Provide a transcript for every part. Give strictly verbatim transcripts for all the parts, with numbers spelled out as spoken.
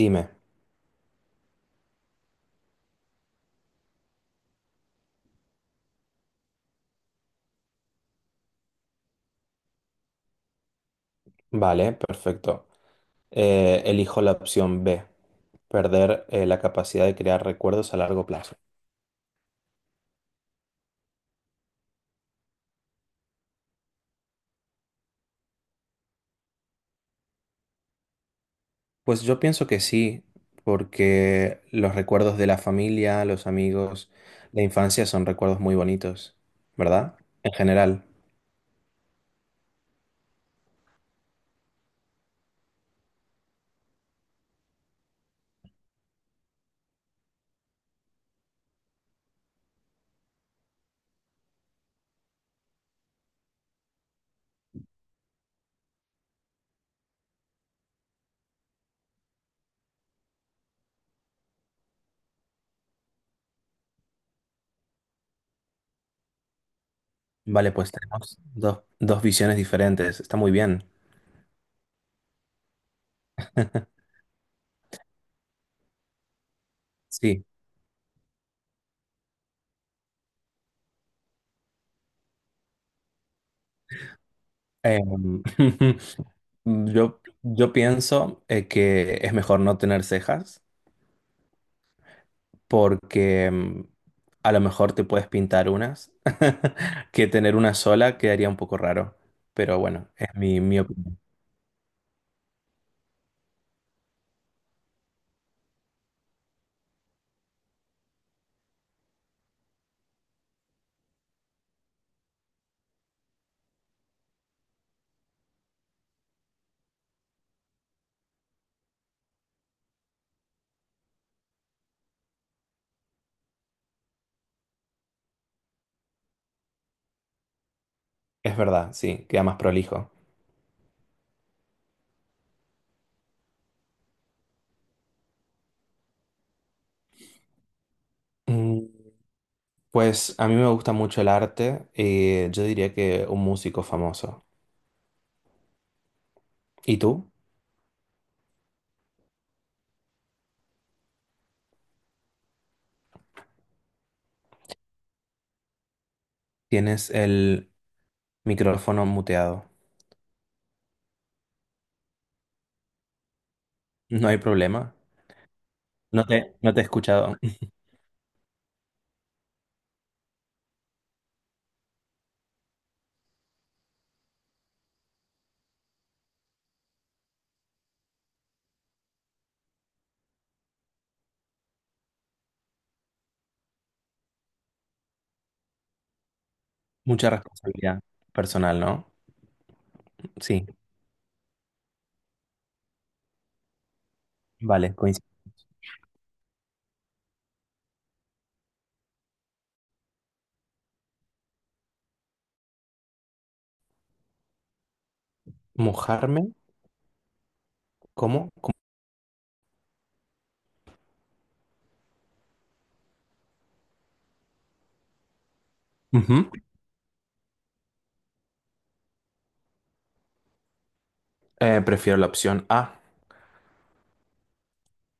Dime, vale, perfecto. Eh, elijo la opción B, perder eh, la capacidad de crear recuerdos a largo plazo. Pues yo pienso que sí, porque los recuerdos de la familia, los amigos, la infancia son recuerdos muy bonitos, ¿verdad? En general. Vale, pues tenemos dos, dos visiones diferentes. Está muy bien. Sí. Em, yo, yo pienso eh, que es mejor no tener cejas porque mm, a lo mejor te puedes pintar unas, que tener una sola quedaría un poco raro, pero bueno, es mi, mi opinión. Es verdad, sí, queda más prolijo. Mm. Pues a mí me gusta mucho el arte y yo diría que un músico famoso. ¿Y tú? Tienes el micrófono muteado. No hay problema. No te, no te he escuchado. Mucha responsabilidad personal, ¿no? Sí, vale, coincido. ¿Mojarme? ¿Cómo? ¿Cómo? Ujú. Eh, prefiero la opción A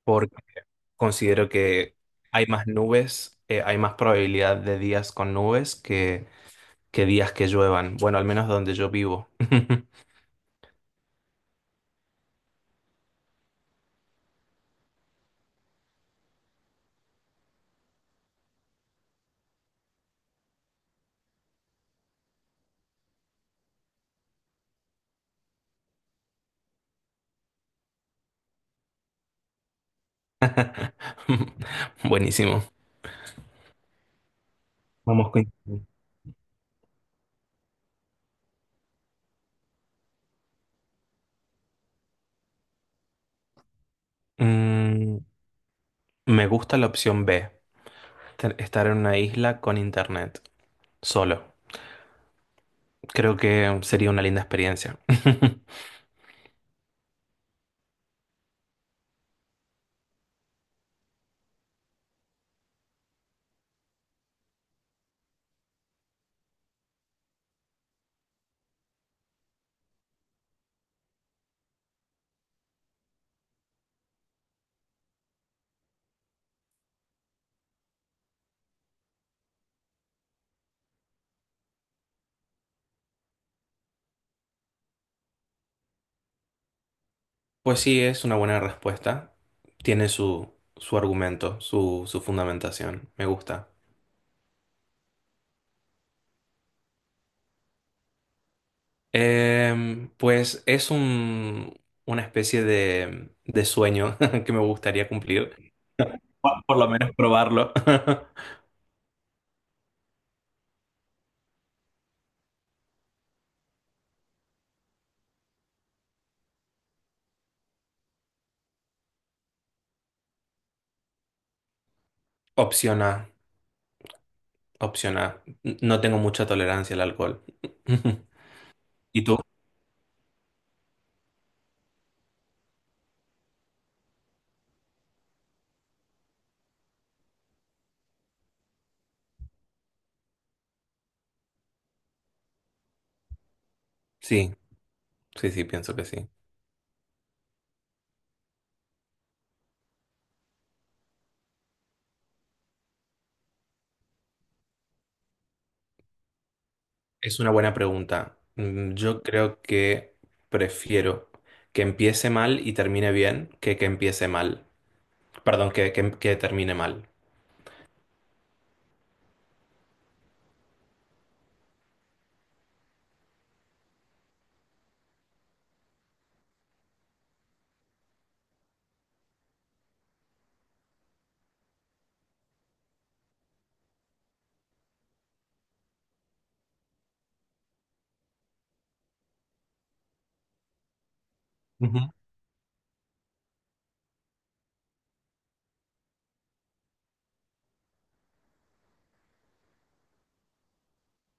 porque considero que hay más nubes, eh, hay más probabilidad de días con nubes que, que días que lluevan. Bueno, al menos donde yo vivo. Buenísimo. Vamos con... Mm, me gusta la opción B, te- estar en una isla con internet, solo. Creo que sería una linda experiencia. Pues sí, es una buena respuesta. Tiene su, su argumento, su, su fundamentación. Me gusta. Em, pues es un, una especie de, de sueño que me gustaría cumplir. Por por lo menos probarlo. Opción A, opción A. N- No tengo mucha tolerancia al alcohol. ¿Y tú? Sí, sí, sí, pienso que sí. Es una buena pregunta. Mm. Yo creo que prefiero que empiece mal y termine bien que que empiece mal. Perdón, que, que, que termine mal. Ujú.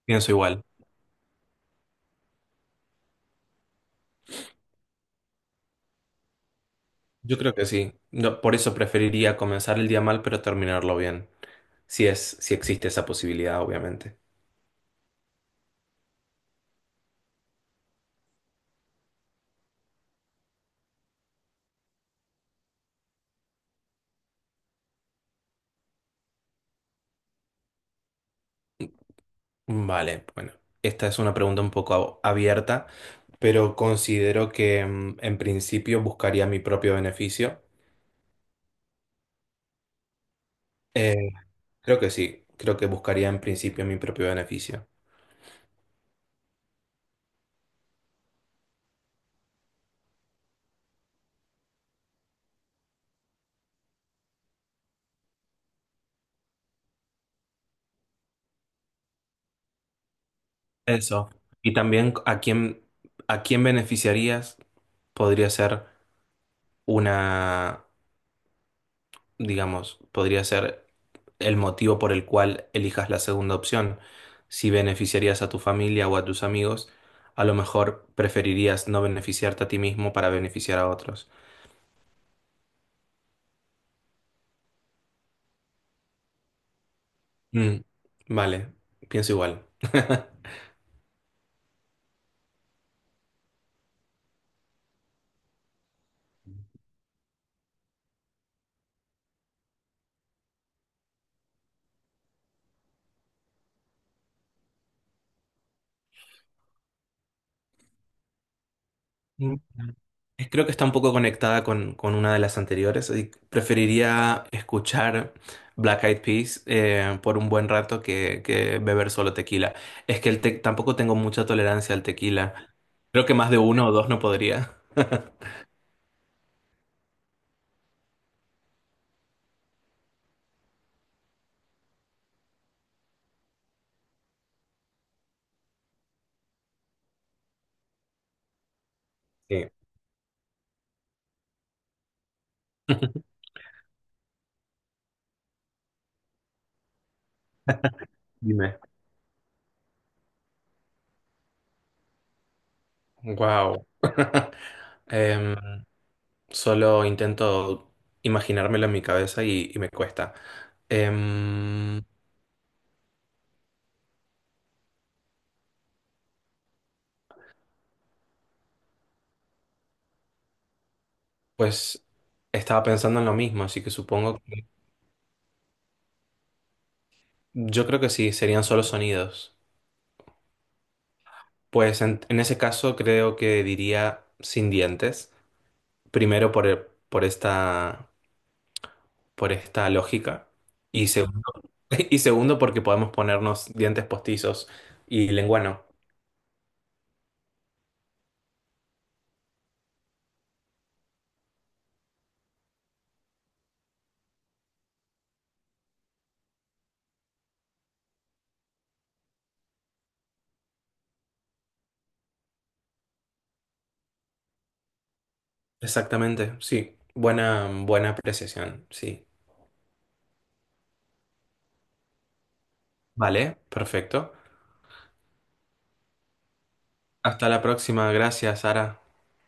Pienso igual. Yo creo que sí. No, por eso preferiría comenzar el día mal, pero terminarlo bien. Si es, si existe esa posibilidad, obviamente. Vale, bueno, esta es una pregunta un poco abierta, pero considero que mm, en principio buscaría mi propio beneficio. Eh, creo que sí, creo que buscaría en principio mi propio beneficio. Eso. Y también a quién, a quién beneficiarías podría ser una, digamos, podría ser el motivo por el cual elijas la segunda opción. Si beneficiarías a tu familia o a tus amigos, a lo mejor preferirías no beneficiarte a ti mismo para beneficiar a otros. Mm, vale, pienso igual. Mm. Eh, Creo que está un poco conectada con, con una de las anteriores. Y preferiría escuchar Black Eyed Peas eh, por un buen rato que, que beber solo tequila. Es que el te- tampoco tengo mucha tolerancia al tequila. Creo que más de uno o dos no podría. Sí. Dime. Wow. Em, solo intento imaginármelo en mi cabeza y, y me cuesta. Em, pues estaba pensando en lo mismo, así que supongo. Yo creo que sí, serían solo sonidos. Pues en, en ese caso creo que diría sin dientes, primero por, el- por esta, por esta lógica, y segundo, y segundo porque podemos ponernos dientes postizos y lengua no. Exactamente, sí. Buena, buena apreciación, sí. Vale, perfecto. Hasta la próxima, gracias, Sara.